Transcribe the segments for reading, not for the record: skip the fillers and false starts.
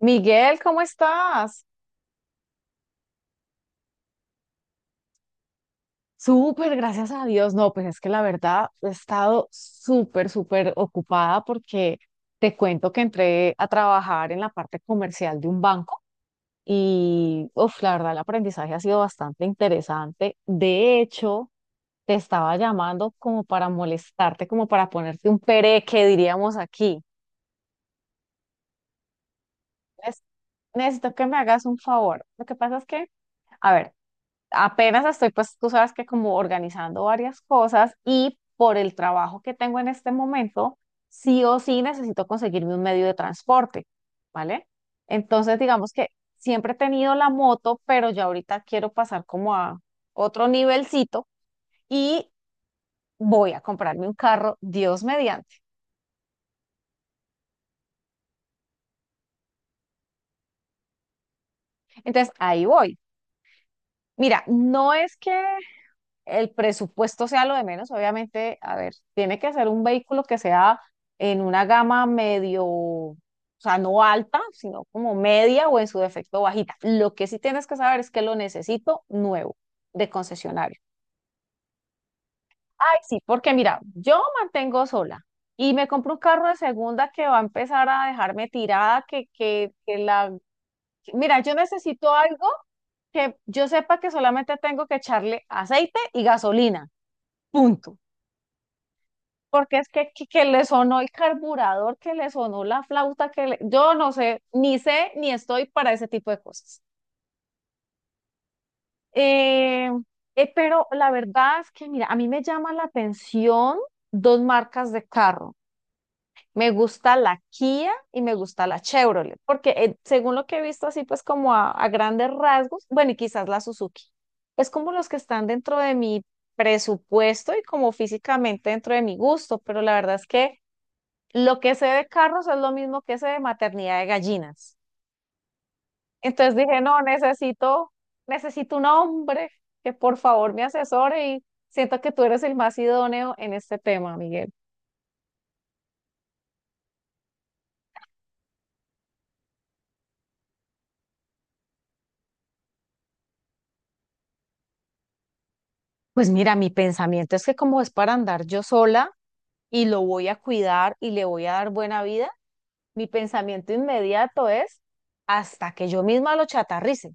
Miguel, ¿cómo estás? Súper, gracias a Dios. No, pues es que la verdad he estado súper, súper ocupada porque te cuento que entré a trabajar en la parte comercial de un banco y, uf, la verdad el aprendizaje ha sido bastante interesante. De hecho, te estaba llamando como para molestarte, como para ponerte un pereque, diríamos aquí. Es- Necesito que me hagas un favor. Lo que pasa es que, a ver, apenas estoy, pues tú sabes que como organizando varias cosas y por el trabajo que tengo en este momento, sí o sí necesito conseguirme un medio de transporte, ¿vale? Entonces, digamos que siempre he tenido la moto, pero ya ahorita quiero pasar como a otro nivelcito y voy a comprarme un carro, Dios mediante. Entonces, ahí voy. Mira, no es que el presupuesto sea lo de menos, obviamente, a ver, tiene que ser un vehículo que sea en una gama medio, o sea, no alta, sino como media o en su defecto bajita. Lo que sí tienes que saber es que lo necesito nuevo de concesionario. Ay, sí, porque mira, yo mantengo sola y me compro un carro de segunda que va a empezar a dejarme tirada, que la... Mira, yo necesito algo que yo sepa que solamente tengo que echarle aceite y gasolina. Punto. Porque es que, que le sonó el carburador, que le sonó la flauta, yo no sé, ni sé ni estoy para ese tipo de cosas. Eh, pero la verdad es que, mira, a mí me llama la atención dos marcas de carro. Me gusta la Kia y me gusta la Chevrolet, porque según lo que he visto así, pues como a grandes rasgos, bueno, y quizás la Suzuki. Es como los que están dentro de mi presupuesto y como físicamente dentro de mi gusto, pero la verdad es que... Lo que sé de carros es lo mismo que sé de maternidad de gallinas. Entonces dije, no, necesito un hombre que por favor me asesore y siento que tú eres el más idóneo en este tema, Miguel. Pues mira, mi pensamiento es que como es para andar yo sola y lo voy a cuidar y le voy a dar buena vida, mi pensamiento inmediato es hasta que yo misma lo chatarrice.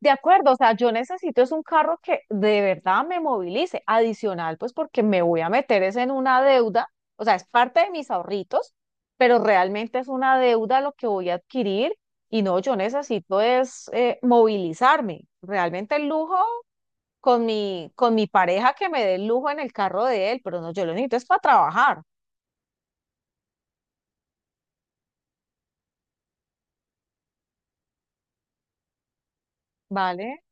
De acuerdo, o sea, yo necesito es un carro que de verdad me movilice, adicional, pues porque me voy a meter es en una deuda, o sea, es parte de mis ahorritos, pero realmente es una deuda lo que voy a adquirir y no, yo necesito es movilizarme. Realmente el lujo con mi pareja que me dé el lujo en el carro de él, pero no, yo lo necesito es para trabajar, ¿vale?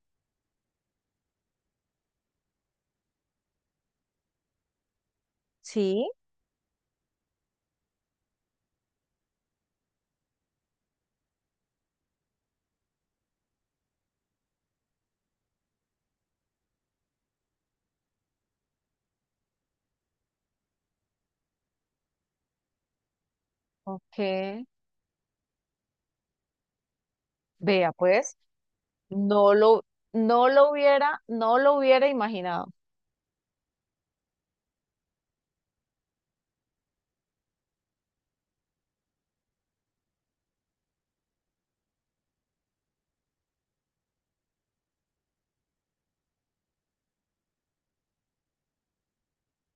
Sí, ok. Vea, pues, no lo, no lo hubiera imaginado.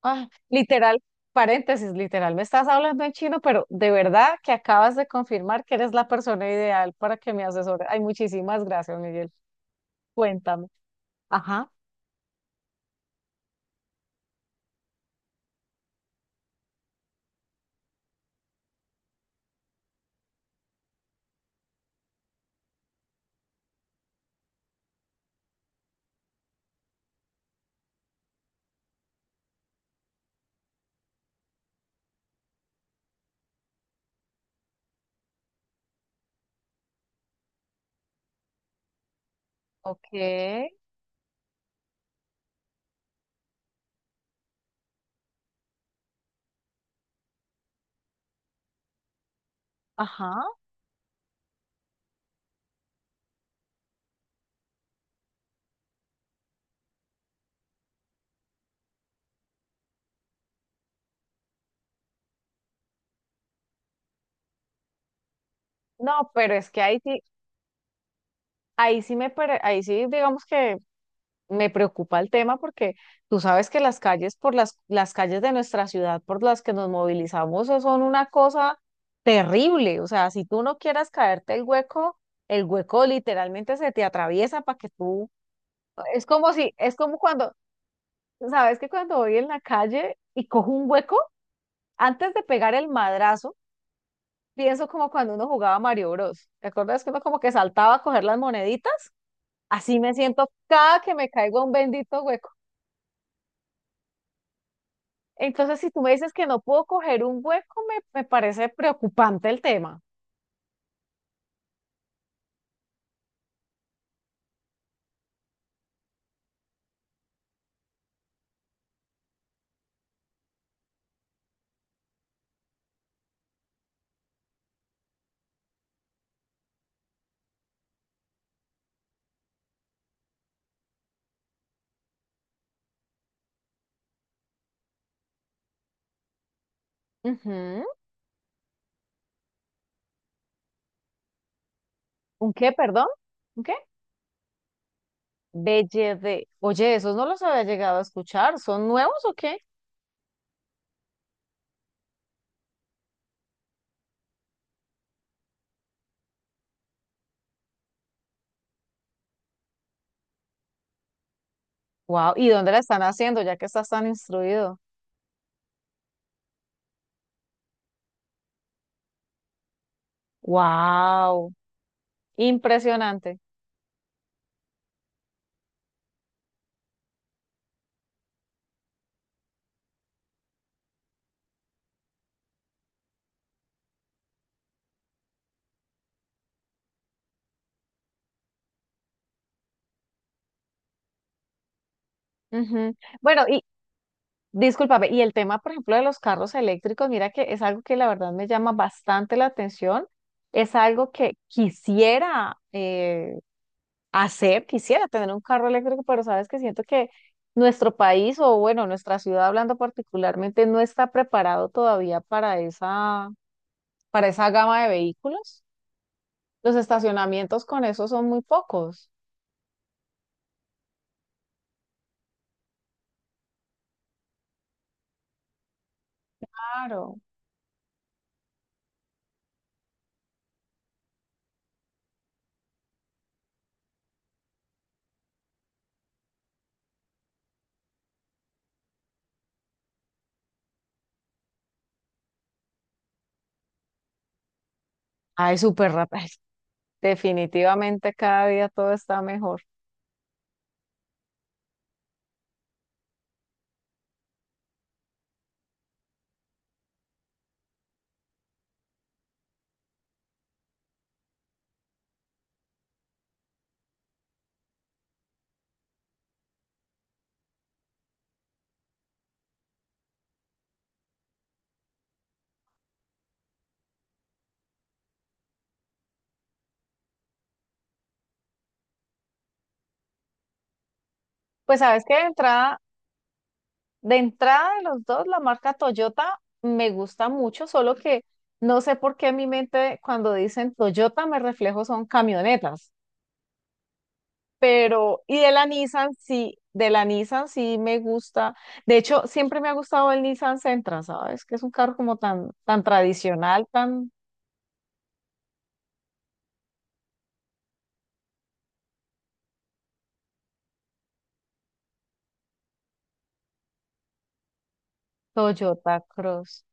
Ah, literal, paréntesis, literal, me estás hablando en chino, pero de verdad que acabas de confirmar que eres la persona ideal para que me asesore. Ay, muchísimas gracias, Miguel. Cuéntame. Ajá, ok, ajá. No, pero es que ahí sí, ahí sí, digamos que me preocupa el tema porque tú sabes que las calles las calles de nuestra ciudad por las que nos movilizamos son una cosa terrible. O sea, si tú no quieras caerte el hueco literalmente se te atraviesa para que tú, es como si, es como cuando, sabes que cuando voy en la calle y cojo un hueco, antes de pegar el madrazo, pienso como cuando uno jugaba Mario Bros. ¿Te acuerdas que uno como que saltaba a coger las moneditas? Así me siento cada que me caigo a un bendito hueco. Entonces, si tú me dices que no puedo coger un hueco, me parece preocupante el tema. Ujú. ¿Un qué, perdón? ¿Un qué? Belle de. Oye, esos no los había llegado a escuchar. ¿Son nuevos o qué? Wow. ¿Y dónde la están haciendo ya que estás tan instruido? Wow. Impresionante. Ujú. Bueno, y discúlpame, y el tema, por ejemplo, de los carros eléctricos, mira que es algo que la verdad me llama bastante la atención. Es algo que quisiera hacer, quisiera tener un carro eléctrico, pero sabes que siento que nuestro país o bueno, nuestra ciudad hablando particularmente no está preparado todavía para esa, gama de vehículos. Los estacionamientos con eso son muy pocos. Claro. Ay, súper rápido. Definitivamente cada día todo está mejor. Pues sabes que de entrada, de los dos, la marca Toyota me gusta mucho, solo que no sé por qué en mi mente cuando dicen Toyota me reflejo son camionetas. Pero, y de la Nissan sí, de la Nissan sí me gusta. De hecho, siempre me ha gustado el Nissan Sentra, ¿sabes? Que es un carro como tan, tan tradicional, tan Toyota Cross.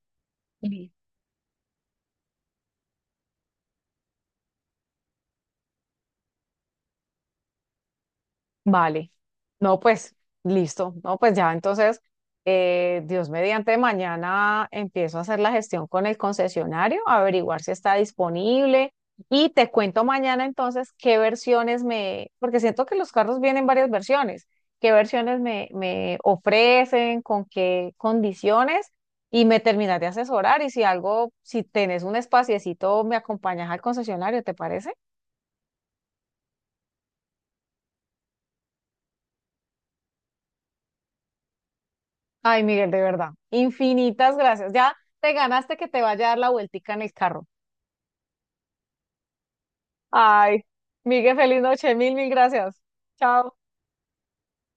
Vale. No, pues listo. No, pues ya entonces, Dios mediante, mañana empiezo a hacer la gestión con el concesionario, a averiguar si está disponible y te cuento mañana entonces qué versiones me, porque siento que los carros vienen varias versiones, qué versiones me ofrecen, con qué condiciones y me terminas de asesorar y si algo, si tenés un espaciecito, me acompañas al concesionario, ¿te parece? Ay, Miguel, de verdad. Infinitas gracias. Ya te ganaste que te vaya a dar la vueltica en el carro. Ay, Miguel, feliz noche. Mil, mil gracias. Chao.